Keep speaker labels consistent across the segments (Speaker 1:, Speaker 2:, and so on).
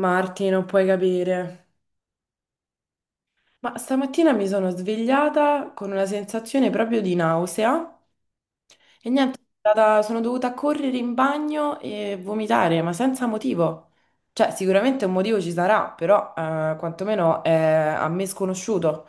Speaker 1: Marti, non puoi capire. Ma stamattina mi sono svegliata con una sensazione proprio di nausea e niente, sono dovuta correre in bagno e vomitare, ma senza motivo. Cioè, sicuramente un motivo ci sarà, però quantomeno è a me sconosciuto.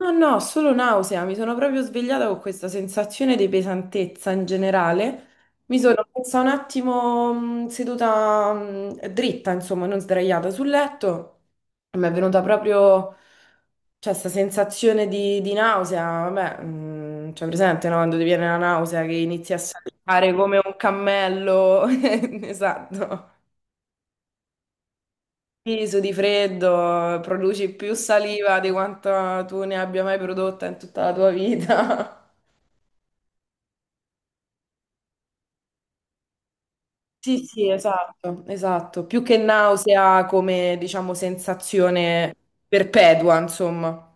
Speaker 1: No, no, solo nausea, mi sono proprio svegliata con questa sensazione di pesantezza in generale. Mi sono messa un attimo seduta dritta, insomma, non sdraiata sul letto. Mi è venuta proprio, cioè, questa sensazione di nausea, vabbè, cioè, presente, no? Quando ti viene la nausea che inizi a saltare come un cammello, esatto, Iso di freddo, produci più saliva di quanto tu ne abbia mai prodotta in tutta la tua vita. Sì, sì, esatto, esatto, più che nausea come, diciamo, sensazione perpetua, insomma.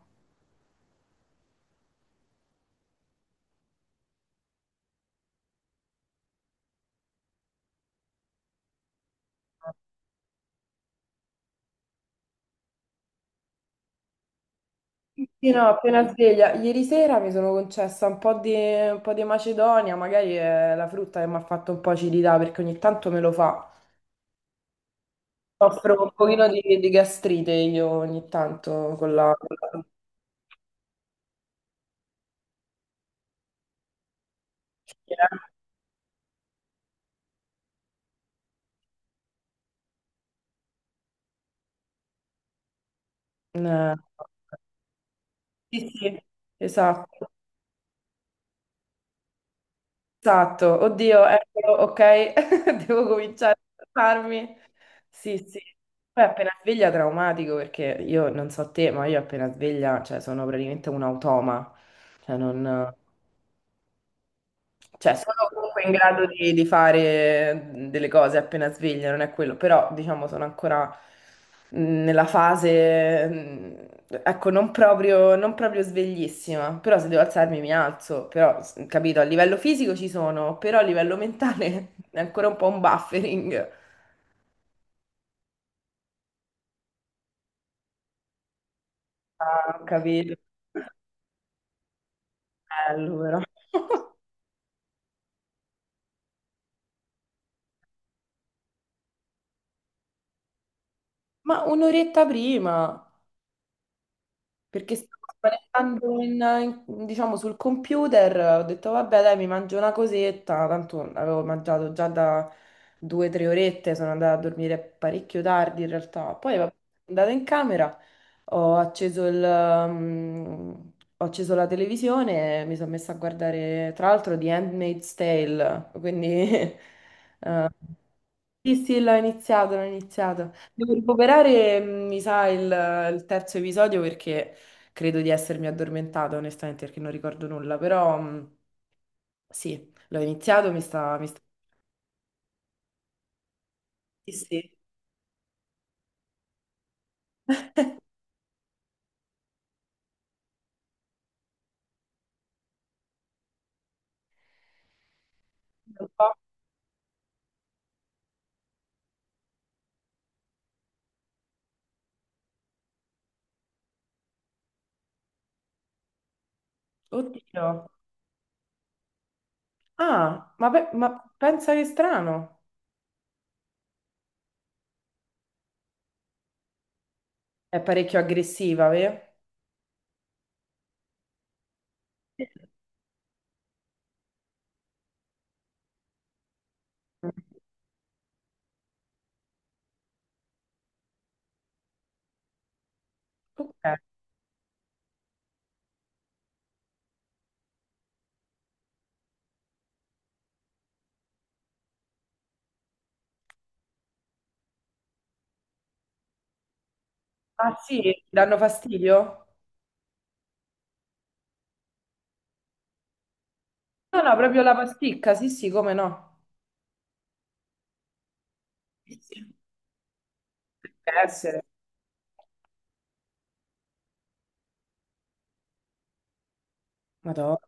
Speaker 1: Sì, no, appena sveglia. Ieri sera mi sono concessa un po' di macedonia, magari è la frutta che mi ha fatto un po' acidità perché ogni tanto me lo fa. Soffro un pochino di gastrite io ogni tanto con la fruttiera. Eh, Sì, sì, esatto, esatto. Oddio, eccolo, ok, devo cominciare a farmi. Sì, sì. Poi appena sveglia traumatico perché io non so te, ma io appena sveglia, cioè sono praticamente un automa. Cioè non... Cioè, sono comunque in grado di fare delle cose appena sveglia, non è quello, però diciamo sono ancora nella fase, ecco, non proprio, non proprio sveglissima, però se devo alzarmi mi alzo, però, capito, a livello fisico ci sono, però a livello mentale è ancora un po' un buffering. Ah, ho capito, bello però. Ma un'oretta prima. Perché stavo spanettando diciamo, sul computer, ho detto vabbè dai mi mangio una cosetta, tanto avevo mangiato già da due o tre orette, sono andata a dormire parecchio tardi in realtà, poi vabbè, sono andata in camera, ho acceso il, mm, ho acceso la televisione e mi sono messa a guardare tra l'altro The Handmaid's Tale, quindi Sì, sì, l'ho iniziato, l'ho iniziato. Devo recuperare, mi sa, il terzo episodio perché credo di essermi addormentata, onestamente, perché non ricordo nulla, però sì, l'ho iniziato, mi sta... Mi sta... Sì, sì. Un po'. Oddio. Ah, ma pensa che strano. È parecchio aggressiva, vero? Ok. Ah sì, ti danno fastidio? No, no, proprio la pasticca, sì, sì, come no. Sì, sì. Deve essere. Madonna.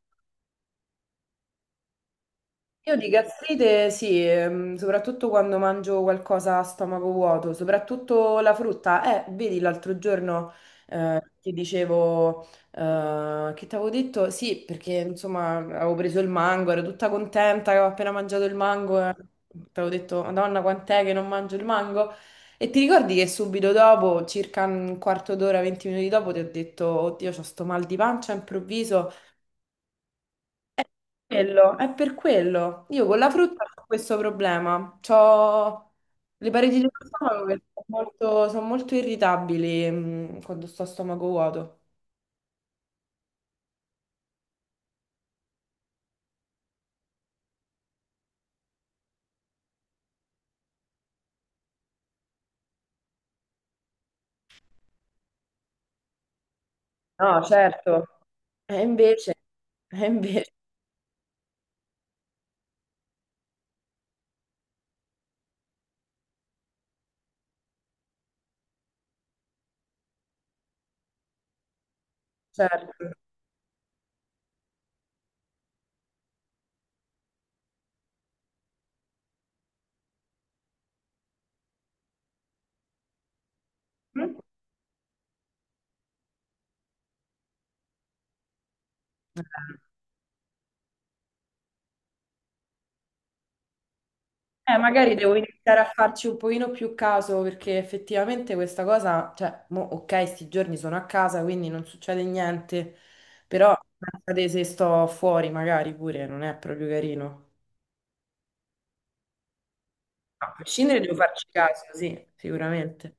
Speaker 1: Io di gastrite sì, soprattutto quando mangio qualcosa a stomaco vuoto, soprattutto la frutta. Vedi l'altro giorno ti dicevo, che ti avevo detto? Sì, perché insomma avevo preso il mango, ero tutta contenta che avevo appena mangiato il mango, ti avevo detto, Madonna, quant'è che non mangio il mango? E ti ricordi che subito dopo, circa un quarto d'ora, 20 minuti dopo, ti ho detto, oddio, c'ho sto mal di pancia improvviso quello, è per quello. Io con la frutta ho questo problema. C'ho le pareti dello stomaco che sono molto irritabili, quando sto a stomaco vuoto. No, certo. E invece, e invece, certo. Mm? Magari devo iniziare a farci un pochino più caso perché effettivamente questa cosa, cioè, mo, ok, sti giorni sono a casa, quindi non succede niente, però pensate se sto fuori magari pure non è proprio carino. A prescindere devo farci caso, sì, sicuramente.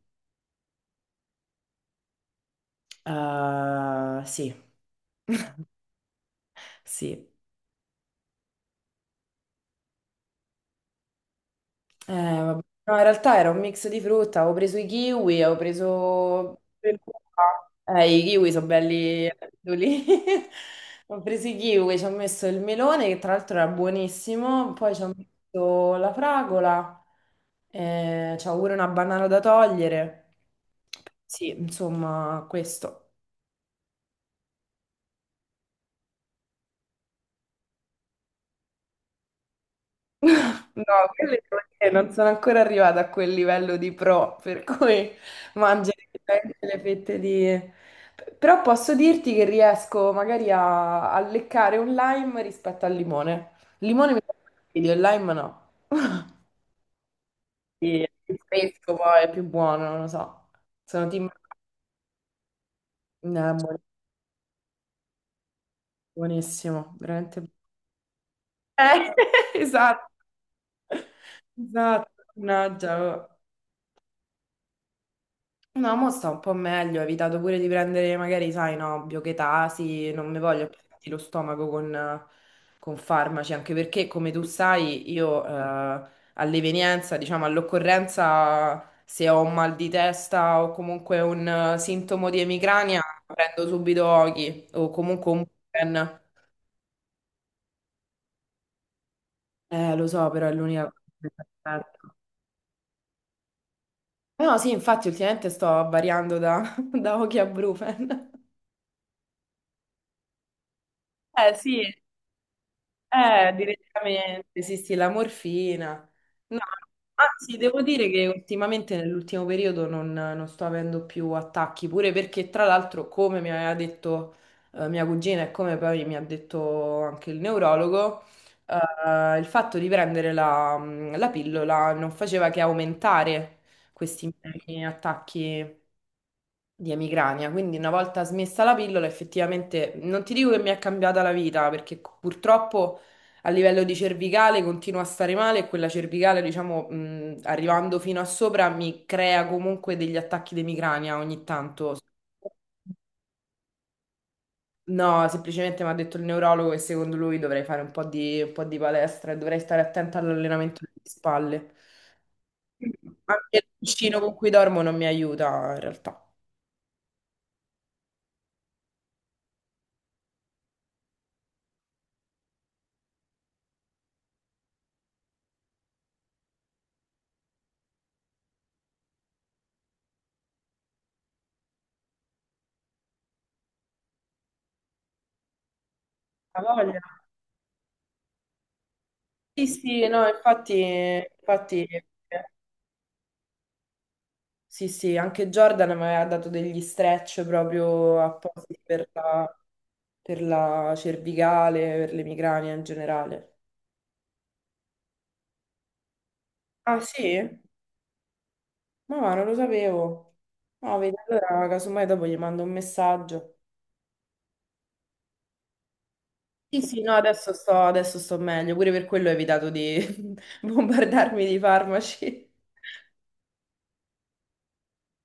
Speaker 1: Sì, sì. Vabbè. No, in realtà era un mix di frutta, avevo preso i kiwi, avevo preso... I kiwi sono belli lì. Ho preso i kiwi, ci ho messo il melone, che tra l'altro era buonissimo, poi ci ho messo la fragola, c'ho pure una banana da togliere. Sì, insomma, questo. No, quelle devo dire, non sono ancora arrivata a quel livello di pro, per cui mangio direttamente le fette di... Però posso dirti che riesco magari a leccare un lime rispetto al limone. Il limone mi dà fastidio, il lime no. Sì, è più fresco poi, è più buono, non lo so. Sono team... No, è buonissimo, veramente buono. Eh, esatto, esatto, mannaggia. Oh. No, mo sta un po' meglio, ho evitato pure di prendere magari, sai, no, biochetasi, non mi voglio più sentire lo stomaco con farmaci, anche perché, come tu sai, io all'evenienza, diciamo, all'occorrenza, se ho un mal di testa o comunque un sintomo di emicrania, prendo subito Oki o comunque un Bupen. Lo so, però è l'unica cosa che mi aspetto. No, sì, infatti ultimamente sto variando da, da Oki a Brufen. Eh sì. Direttamente, sì, sì, la morfina. No, anzi, devo dire che ultimamente, nell'ultimo periodo, non sto avendo più attacchi, pure perché, tra l'altro, come mi aveva detto mia cugina e come poi mi ha detto anche il neurologo, il fatto di prendere la pillola non faceva che aumentare questi miei attacchi di emicrania. Quindi una volta smessa la pillola, effettivamente non ti dico che mi è cambiata la vita, perché purtroppo a livello di cervicale continuo a stare male e quella cervicale, diciamo, arrivando fino a sopra mi crea comunque degli attacchi di emicrania ogni tanto. No, semplicemente mi ha detto il neurologo che secondo lui dovrei fare un po' di palestra e dovrei stare attenta all'allenamento delle spalle. Anche il cuscino con cui dormo non mi aiuta in realtà. Ha voglia. Sì, sì, no, infatti, infatti, sì, sì, anche Jordan mi aveva dato degli stretch proprio apposta per la cervicale, per le migranie in generale. Ah, sì? Ma va, non lo sapevo. No, vedi, allora casomai dopo gli mando un messaggio. Sì, sì, no, adesso sto, meglio, pure per quello ho evitato di bombardarmi di farmaci.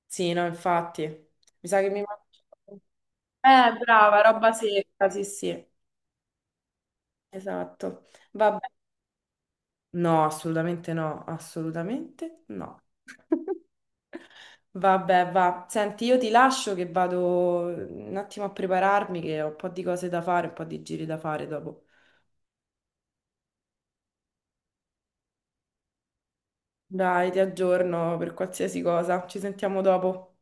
Speaker 1: Sì, no, infatti. Mi sa che mi mangio... Brava, roba secca, sì, sì. Esatto. Vabbè. No, assolutamente no, assolutamente no. Vabbè, va. Senti, io ti lascio che vado un attimo a prepararmi, che ho un po' di cose da fare, un po' di giri da fare dopo. Dai, ti aggiorno per qualsiasi cosa. Ci sentiamo dopo.